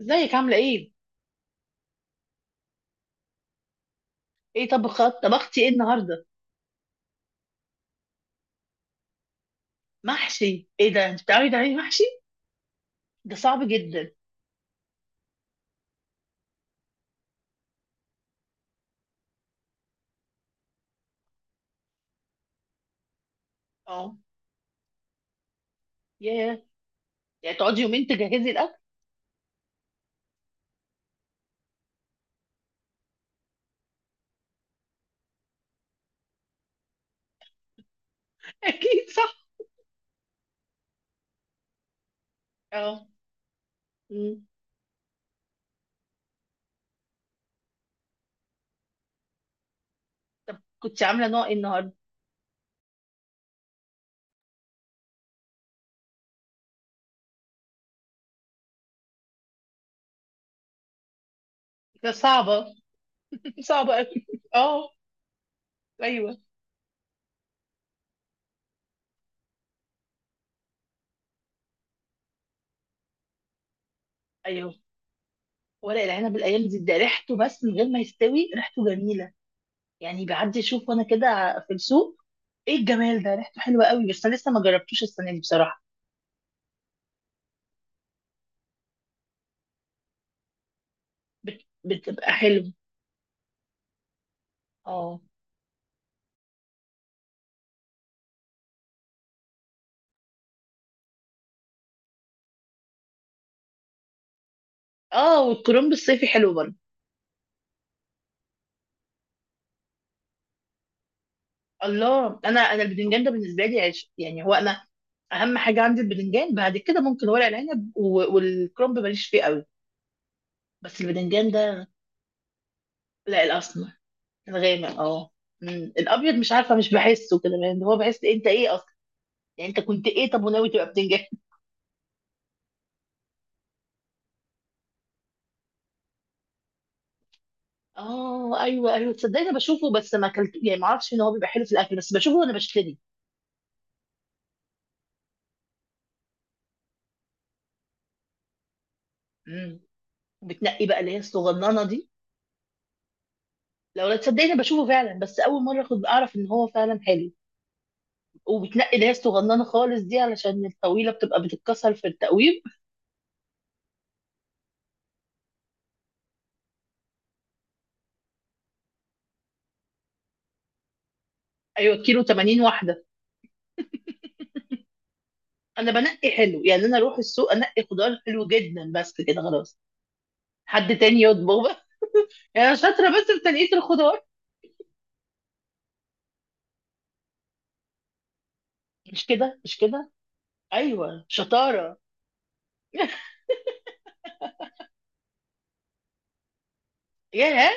ازيك عاملة ايه؟ ايه طبخات طبختي ايه النهاردة؟ محشي ايه ده؟ انت بتعرفي تعملي محشي؟ ده صعب جدا. اه. ياه. يعني تقعدي يومين تجهزي الأكل؟ أكيد صح. اه. مم. طب كنت عاملة نوع ايه النهاردة؟ ده صعبة. صعبة أوي. اه. ايوه، ايوه، ورق العنب الأيام دي ده ريحته بس من غير ما يستوي ريحته جميلة. يعني بعدي اشوف وانا كده في السوق. ايه الجمال ده، ريحته حلوة قوي بس انا لسه ما جربتوش السنة دي بصراحة. بتبقى حلو. اه. اه، والكرنب الصيفي حلو برضه. الله، انا البتنجان ده بالنسبه لي عيش، يعني هو انا اهم حاجه عندي البتنجان، بعد كده ممكن ورق العنب والكرنب ماليش فيه قوي. بس البتنجان ده، لا الاسمر، الغامق، اه. مم. الابيض مش عارفه، مش بحسه كده، يعني هو بحس إيه، انت ايه اصلا؟ يعني انت كنت ايه طب وناوي تبقى بتنجان؟ اه، ايوه، ايوه، تصدقني انا بشوفه بس ما اكلت، يعني ما اعرفش ان هو بيبقى حلو في الاكل، بس بشوفه وانا بشتري. امم. بتنقي بقى اللي هي الصغننه دي. لو لا، تصدقني بشوفه فعلا، بس اول مره اخد اعرف ان هو فعلا حلو. وبتنقي اللي هي الصغننه خالص دي، علشان الطويله بتبقى بتتكسر في التقويم. ايوه، كيلو 80 واحده. انا بنقي حلو، يعني انا اروح السوق انقي خضار حلو جدا بس كده خلاص. حد تاني يطبخ بقى. يعني أنا شاطره بس في تنقيه الخضار، مش كده، مش كده. ايوه، شطاره. ياه.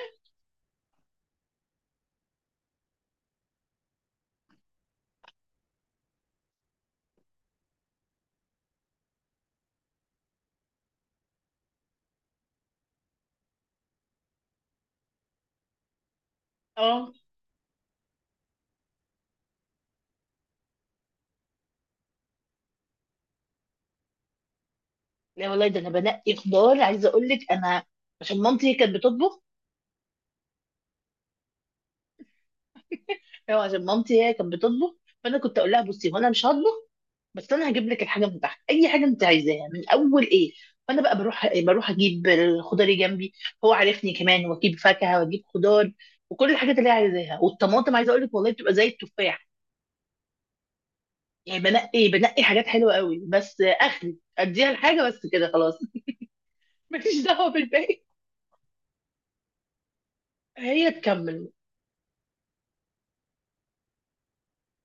اه. لا والله، ده انا بنقي خضار عايزه اقول لك، انا عشان مامتي هي كانت بتطبخ. أيوة، عشان مامتي هي كانت بتطبخ، فانا كنت اقول لها بصي، هو انا مش هطبخ بس انا هجيب لك الحاجه من تحت، اي حاجه انت عايزاها من اول ايه. فانا بقى بروح اجيب الخضار اللي جنبي، هو عارفني كمان، واجيب فاكهه واجيب خضار. وكل الحاجات اللي هي عايزاها، والطماطم عايزه اقول لك والله بتبقى زي التفاح. يعني بنقي حاجات حلوه قوي، بس اخري اديها الحاجه بس كده خلاص. مفيش دعوه بالباقي. هي تكمل.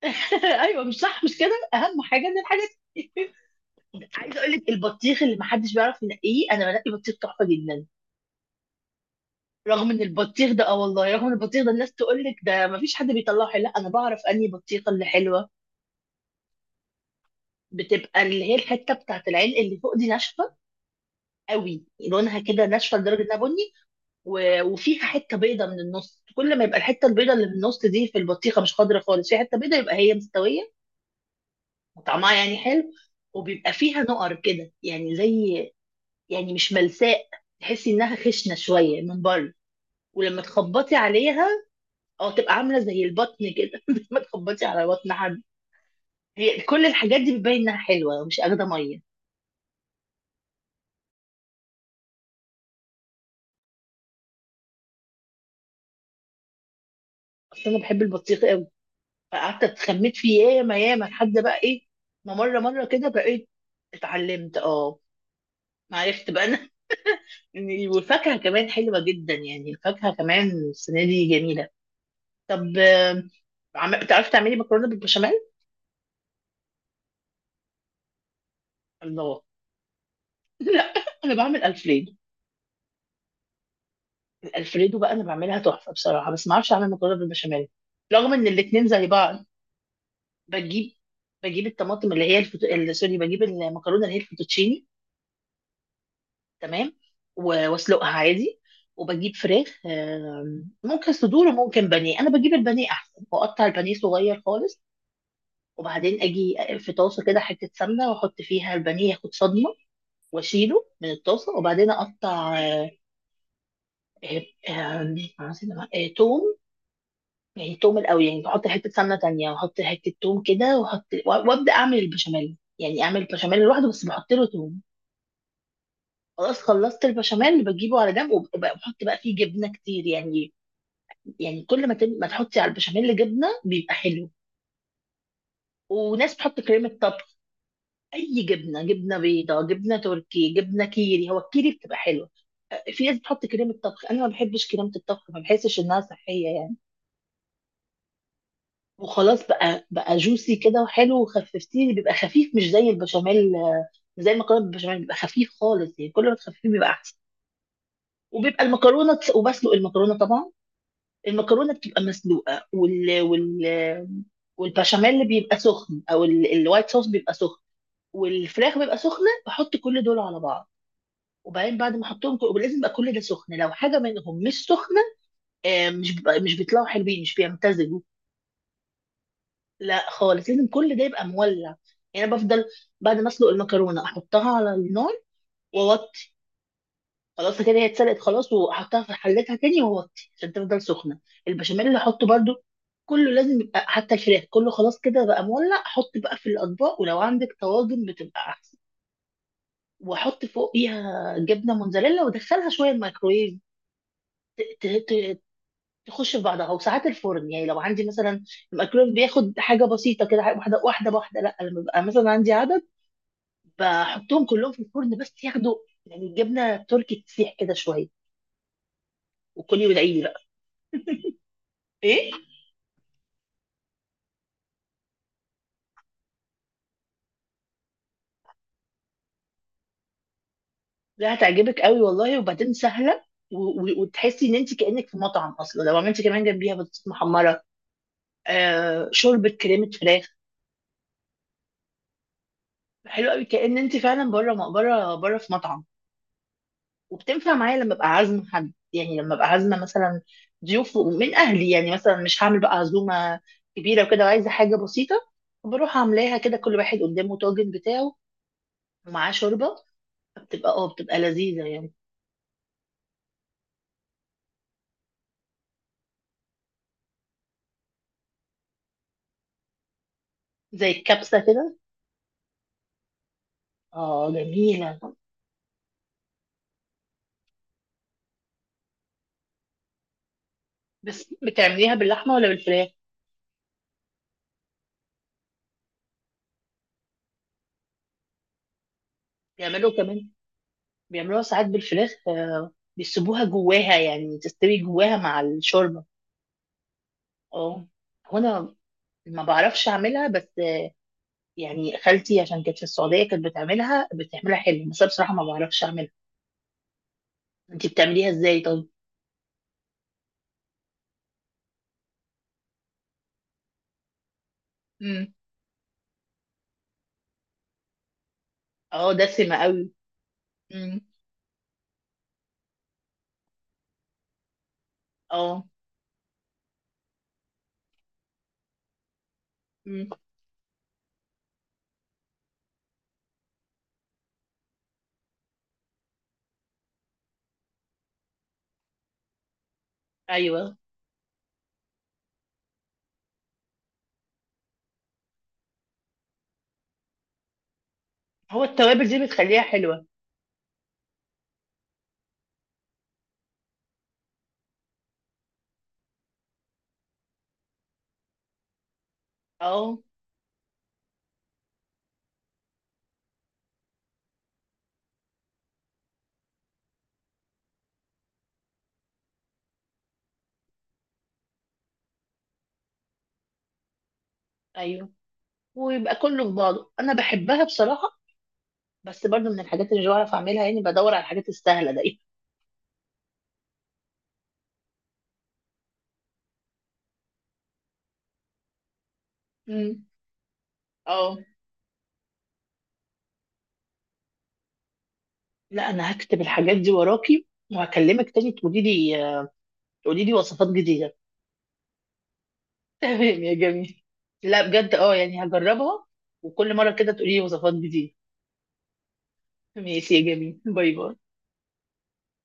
ايوه، مش صح، مش كده، اهم حاجه ان الحاجات. عايزه اقول لك البطيخ اللي محدش بيعرف ينقيه، انا بنقي بطيخ تحفه جدا. رغم ان البطيخ ده، اه والله، رغم ان البطيخ ده الناس تقول لك ده ما فيش حد بيطلعه حلو، لا انا بعرف انهي بطيخه اللي حلوه. بتبقى اللي هي الحته بتاعت العلق اللي فوق دي ناشفه قوي، لونها كده ناشفه لدرجه انها بني. وفيها حته بيضه من النص، كل ما يبقى الحته البيضه اللي من النص دي في البطيخه، مش خضره خالص، في حته بيضه، يبقى هي مستويه وطعمها يعني حلو. وبيبقى فيها نقر كده، يعني زي، يعني مش ملساء، تحسي انها خشنه شويه من بره. ولما تخبطي عليها، او تبقى عامله زي البطن كده ما تخبطي على بطن حد. هي كل الحاجات دي بتبين انها حلوه ومش اخده ميه. اصل انا بحب البطيخ قوي، فقعدت اتخمت فيه ياما ياما لحد بقى ايه، ما مره مره كده بقيت اتعلمت. اه، عرفت بقى انا. والفاكهه كمان حلوه جدا، يعني الفاكهه كمان السنه دي جميله. طب، بتعرفي تعملي مكرونه بالبشاميل؟ الله. لا، انا بعمل الفريدو. الالفريدو بقى انا بعملها تحفه بصراحه، بس ما اعرفش اعمل مكرونه بالبشاميل، رغم ان الاتنين زي بعض. بجيب بجيب الطماطم اللي هي سوري، بجيب المكرونه اللي هي الفوتوتشيني. تمام. واسلقها عادي، وبجيب فراخ، ممكن صدور وممكن بانيه، انا بجيب البانيه احسن، واقطع البانيه صغير خالص. وبعدين اجي في طاسه كده حته سمنه، واحط فيها البانيه ياخد صدمه، واشيله من الطاسه، وبعدين اقطع، آه، آه، آم، عايزين أقول- آه، توم. يعني توم الاول، يعني بحط حته سمنه تانية، واحط حته توم كده، واحط وابدا اعمل البشاميل، يعني اعمل البشاميل لوحده بس بحط له توم. خلاص خلصت البشاميل، بجيبه على جنب، وبقى بحط بقى فيه جبنه كتير، يعني، يعني كل ما تحطي على البشاميل جبنه بيبقى حلو. وناس بتحط كريمه طبخ. اي جبنه، جبنه بيضاء، جبنه تركي، جبنه كيري، هو الكيري بتبقى حلوه. في ناس بتحط كريمه طبخ، انا ما بحبش كريمه الطبخ، ما بحسش انها صحيه يعني. وخلاص بقى جوسي كده وحلو، وخففتيه بيبقى خفيف مش زي البشاميل، زي المكرونه بالبشاميل بيبقى خفيف خالص، يعني كل ما تخففيه بيبقى احسن. وبيبقى المكرونه وبسلق المكرونه طبعا، المكرونه بتبقى مسلوقه، والبشاميل اللي بيبقى سخن، او الوايت صوص بيبقى سخن، والفراخ بيبقى سخنه، بحط كل دول على بعض. وبعدين بعد ما احطهم لازم يبقى كل ده سخن، لو حاجه منهم مش سخنه، مش بيطلعوا حلوين، مش بيمتزجوا. لا خالص، لازم كل ده يبقى مولع، يعني أنا بفضل بعد ما اسلق المكرونه احطها على النار، خلاص كده هي اتسلقت خلاص، وحطها في حلتها تاني ووطي عشان تفضل سخنه. البشاميل اللي احطه برده، كله لازم يبقى، حتى الفراخ، كله خلاص كده بقى مولع. حط بقى في الاطباق، ولو عندك طواجن بتبقى احسن، واحط فوقيها جبنه موتزاريلا، وادخلها شويه الميكرويف، ت- ت- ت- تخش في بعضها. وساعات الفرن، يعني لو عندي مثلا، الميكرويف بياخد حاجه بسيطه كده، حاجة واحده واحده واحده، لا لما بيبقى مثلا عندي عدد بحطهم كلهم في الفرن بس ياخدوا، يعني الجبنه التركي تسيح كده شويه. وكلي وادعي لي بقى. ايه؟ لا هتعجبك قوي والله، وبعدين سهله، وتحسي ان انت كانك في مطعم اصلا، لو عملتي كمان جنبيها بطاطس محمره، شوربه كريمه فراخ، حلو قوي، كأن انت فعلا بره بره بره في مطعم. وبتنفع معايا لما ابقى عازمه حد، يعني لما ابقى عازمه مثلا ضيوف من اهلي، يعني مثلا مش هعمل بقى عزومه كبيره وكده، وعايزه حاجه بسيطه، بروح عاملاها كده، كل واحد قدامه طاجن بتاعه ومعاه شوربه. بتبقى لذيذه يعني. زي الكبسه كده. اه جميله. بس بتعمليها باللحمه ولا بالفراخ؟ بيعملوا كمان، بيعملوها ساعات بالفراخ، بيسيبوها جواها يعني تستوي جواها مع الشوربه. اه، وانا ما بعرفش اعملها بس، يعني خالتي عشان كانت في السعوديه كانت بتعملها حلو، بس أنا بصراحه ما بعرفش اعملها. انتي بتعمليها ازاي طيب؟ امم. اه، دسمه قوي. امم. اه. امم. ايوه. هو التوابل دي بتخليها حلوه؟ اه. ايوه. ويبقى كله في بعضه، انا بحبها بصراحه، بس برضو من الحاجات اللي مش بعرف اعملها، يعني بدور على الحاجات السهله دايما. امم. اه، لا انا هكتب الحاجات دي وراكي، وهكلمك تاني تقولي لي، تقولي لي وصفات جديده. تمام يا جميل. لا بجد اه، يعني هجربها، وكل مره كده تقولي لي وصفات جديده. ماشي يا جميل، باي باي.